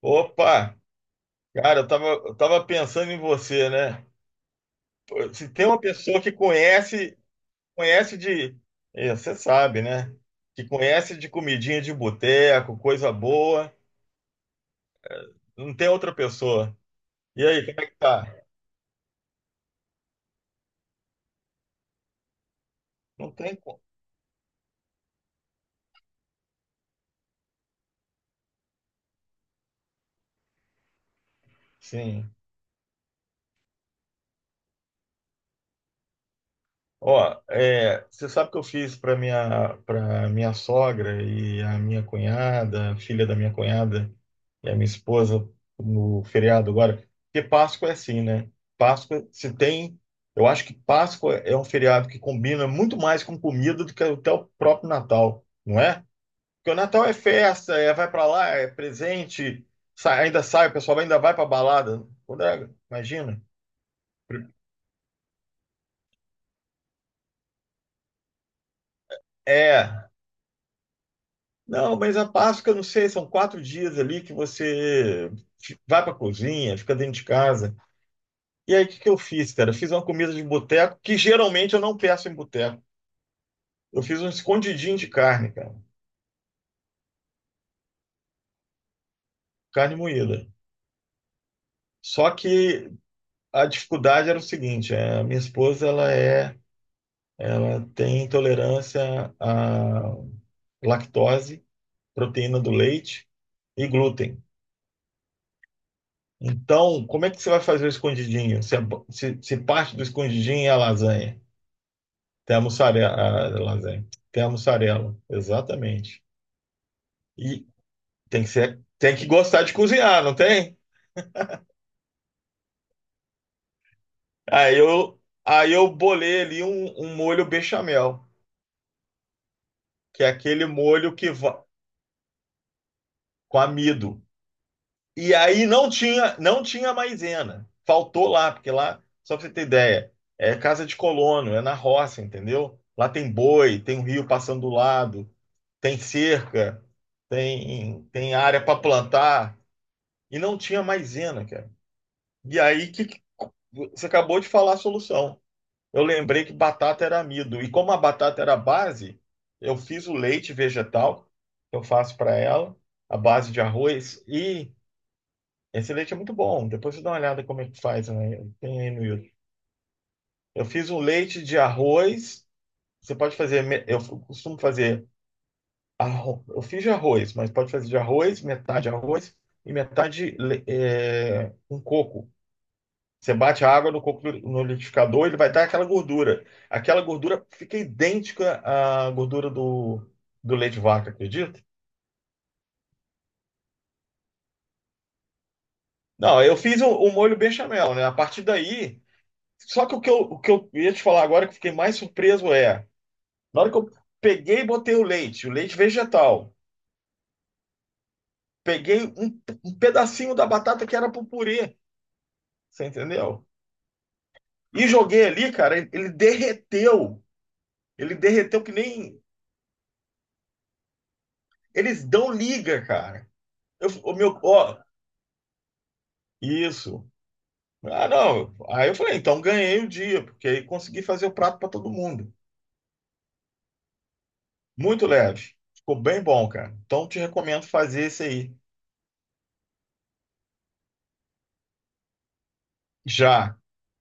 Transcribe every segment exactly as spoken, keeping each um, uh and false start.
Opa, cara, eu tava, eu tava pensando em você, né? Pô, se tem uma pessoa que conhece, conhece de, é, você sabe, né? Que conhece de comidinha de boteco, coisa boa, não tem outra pessoa. E aí, como é que tá? Não tem como. Sim. Ó, é, você sabe que eu fiz para minha para minha sogra e a minha cunhada, a filha da minha cunhada e a minha esposa no feriado agora. Porque Páscoa é assim, né? Páscoa se tem, eu acho que Páscoa é um feriado que combina muito mais com comida do que até o próprio Natal, não é? Porque o Natal é festa, é vai para lá, é presente, sai- ainda sai, o pessoal ainda vai para balada. Quando é- imagina. É. Não, mas a Páscoa, não sei, são quatro dias ali que você fi- vai para a cozinha, fica dentro de casa. E aí, o que que eu fiz, cara? Fiz uma comida de boteco, que geralmente eu não peço em boteco. Eu fiz um escondidinho de carne, cara, carne moída. Só que a dificuldade era o seguinte, é, a minha esposa, ela é, ela tem intolerância à lactose, proteína do leite e glúten. Então, como é que você vai fazer o escondidinho? Se, a- se se parte do escondidinho é a lasanha? Tem a mussarela, a lasanha. Tem a mussarela, exatamente. E tem que ser, tem que gostar de cozinhar, não tem? Aí eu, aí eu bolei ali um, um molho bechamel, que é aquele molho que va- com amido. E aí não tinha, não tinha maisena. Faltou lá, porque lá, só pra você ter ideia, é casa de colono, é na roça, entendeu? Lá tem boi, tem um rio passando do lado, tem cerca, tem, tem área para plantar. E não tinha maisena, cara. E aí que que- você acabou de falar a solução. Eu lembrei que batata era amido. E como a batata era a base, eu fiz o leite vegetal, que eu faço para ela, a base de arroz. E esse leite é muito bom. Depois você dá uma olhada como é que faz, né? Tem aí no YouTube. Eu fiz um leite de arroz. Você pode fazer, me- eu costumo fazer, arro- eu fiz de arroz, mas pode fazer de arroz, metade arroz e metade le- é, um coco. Você bate a água no, coco- no liquidificador, ele vai dar aquela gordura. Aquela gordura fica idêntica à gordura do, do leite de vaca, acredita? Não, eu fiz o, o molho bechamel, né? A partir daí. Só que o que eu, o que eu ia te falar agora, que eu fiquei mais surpreso, é. Na hora que eu peguei e botei o leite, o leite vegetal, peguei um, um pedacinho da batata que era pro purê, você entendeu? E joguei ali, cara, ele ele derreteu. Ele derreteu que nem. Eles dão liga, cara. Eu, o meu, ó. Isso. Ah, não. Aí eu falei, então ganhei o dia, porque aí consegui fazer o prato para todo mundo. Muito leve. Ficou bem bom, cara. Então te recomendo fazer esse aí. Já.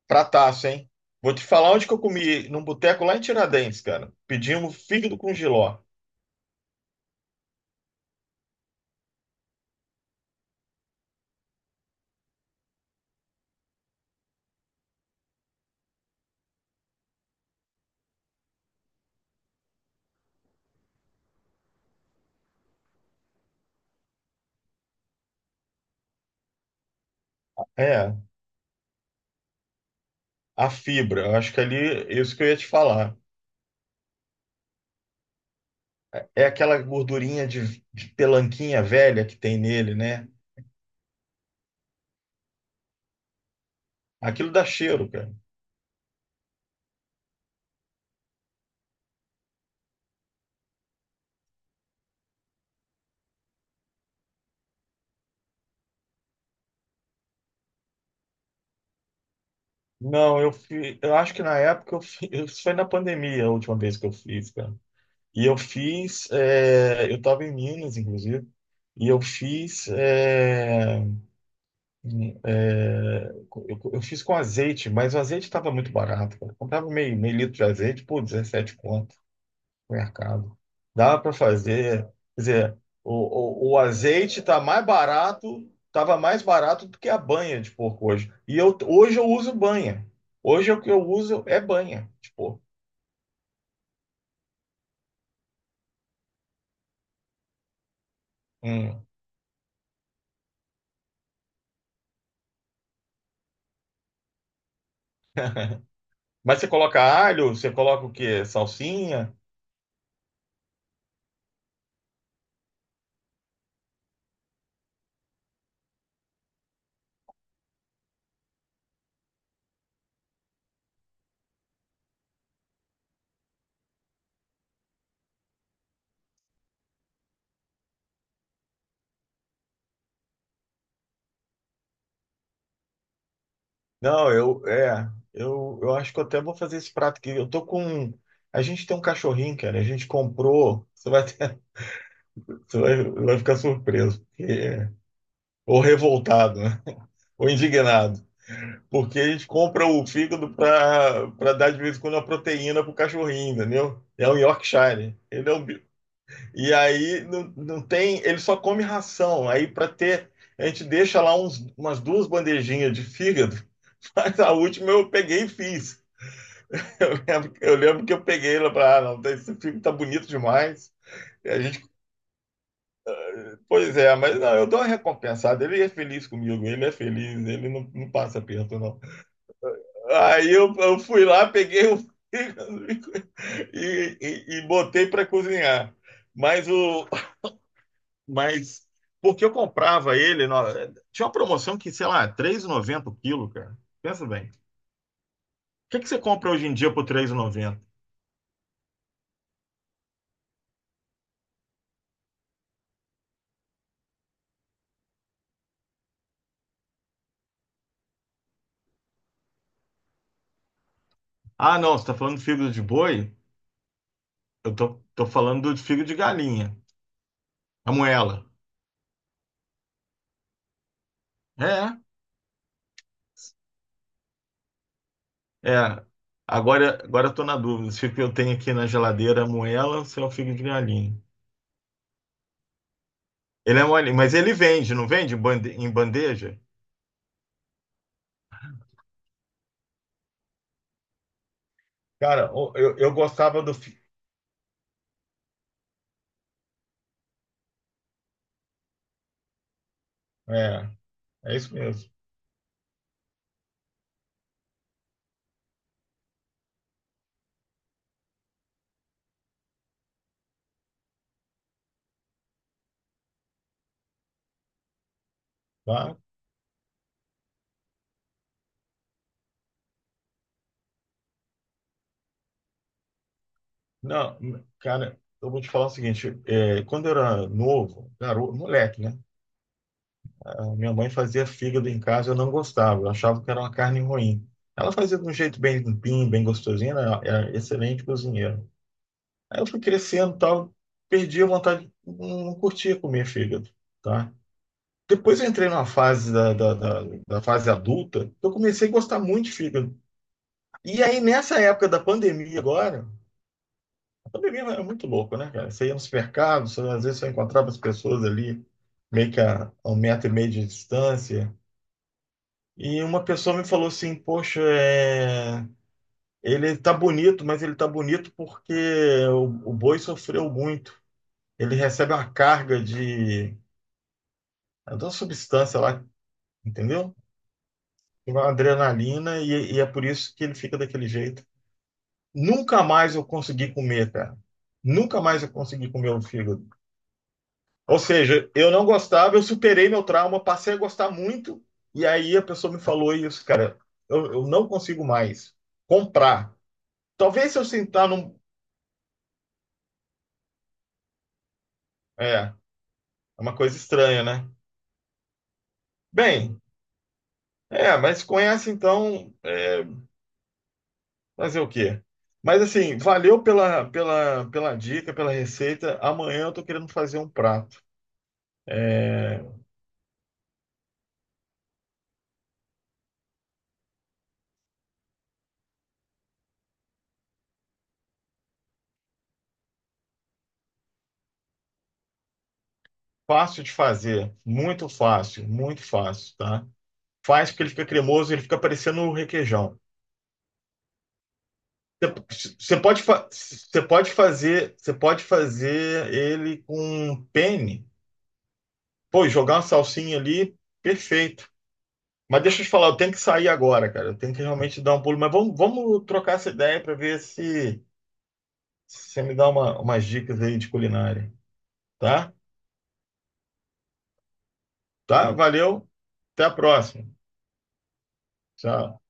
Prataço, hein? Vou te falar onde que eu comi, num boteco lá em Tiradentes, cara. Pedimos fígado com jiló. É, a fibra. Eu acho que ali, isso que eu ia te falar. É aquela gordurinha de, de pelanquinha velha que tem nele, né? Aquilo dá cheiro, cara. Não, eu fiz. Eu acho que na época eu fiz. Isso foi na pandemia a última vez que eu fiz, cara. E eu fiz. é, eu tava em Minas, inclusive. E eu fiz. é, é, eu, eu fiz com azeite, mas o azeite estava muito barato, cara. Eu comprava meio, meio litro de azeite por dezessete conto mercado. Dá para fazer, quer dizer, o, o, o azeite tá mais barato, tava mais barato do que a banha de porco hoje. E eu, hoje eu uso banha. Hoje o que eu uso é banha de porco. Hum. Mas você coloca alho, você coloca o quê? Salsinha? Não, eu, é, eu, eu acho que eu até vou fazer esse prato aqui. Eu tô com, a gente tem um cachorrinho, cara, a gente comprou, você vai, ter- você vai, vai, ficar surpreso, porque- é, ou revoltado, né? Ou indignado. Porque eles compram o fígado para dar de vez em quando uma proteína pro cachorrinho, entendeu? É um Yorkshire. Ele é um... bi- E aí não, não tem. Ele só come ração. Aí para ter. A gente deixa lá uns, umas duas bandejinhas de fígado, mas a última eu peguei e fiz. Eu lembro, que- eu lembro que eu peguei lá para. Ah, não, esse fígado tá bonito demais. E a gente, pois é, mas não, eu dou uma recompensada. Ele é feliz comigo, ele é feliz, ele não, não passa perto, não. Aí eu, eu fui lá, peguei o fígado e, e, e botei para cozinhar. Mas o. Mas porque eu comprava ele. No- Tinha uma promoção que, sei lá, R três reais e noventa centavos o quilo, cara. Pensa bem. O que que você compra hoje em dia por três e noventa? Ah, não, você está falando de fígado de boi? Eu tô, tô falando de fígado de galinha. A moela. É. É, agora, agora eu tô na dúvida se o que eu tenho aqui na geladeira é moela ou se é o figo de galinha. Ele é mole, mas ele vende, não vende em bande- em bandeja? Cara, o- eu, eu gostava do. fi- É, é isso mesmo. Tá? Não, cara, eu vou te falar o seguinte: é, quando eu era novo, garoto, moleque, né? A minha mãe fazia fígado em casa, eu não gostava, eu achava que era uma carne ruim. Ela fazia de um jeito bem limpinho, bem gostosinho, né, ela era excelente cozinheira. Aí eu fui crescendo e tal, perdi a vontade, não não curtia comer fígado, tá? Depois eu entrei numa fase da, da, da, da fase adulta, que eu comecei a gostar muito de fígado. E aí, nessa época da pandemia agora, a pandemia é muito louco, né, cara? Você ia no supermercado, você, às vezes você encontrava as pessoas ali, meio que a, a um metro e meio de distância, e uma pessoa me falou assim, poxa, é... ele tá bonito, mas ele tá bonito porque o, o boi sofreu muito. Ele recebe uma carga de, é de uma substância lá, entendeu? Uma adrenalina e, e é por isso que ele fica daquele jeito. Nunca mais eu consegui comer, cara. Nunca mais eu consegui comer o fígado. Ou seja, eu não gostava, eu superei meu trauma, passei a gostar muito, e aí a pessoa me falou isso, cara. Eu, eu não consigo mais comprar. Talvez se eu sentar num. É, é uma coisa estranha, né? Bem, é, mas conhece então. é, Fazer o quê? Mas assim, valeu pela, pela, pela dica, pela receita. Amanhã eu estou querendo fazer um prato. É fácil de fazer, muito fácil, muito fácil, tá? Faz porque ele fica cremoso, ele fica parecendo um requeijão. Você você pode, fa- você pode fazer, você pode fazer ele com um penne. Pô, jogar uma salsinha ali, perfeito. Mas deixa eu te falar, eu tenho que sair agora, cara. Eu tenho que realmente dar um pulo. Mas vamos, vamos trocar essa ideia para ver se você me dá uma, umas dicas aí de culinária, tá? Tá? Valeu, até a próxima. Tchau.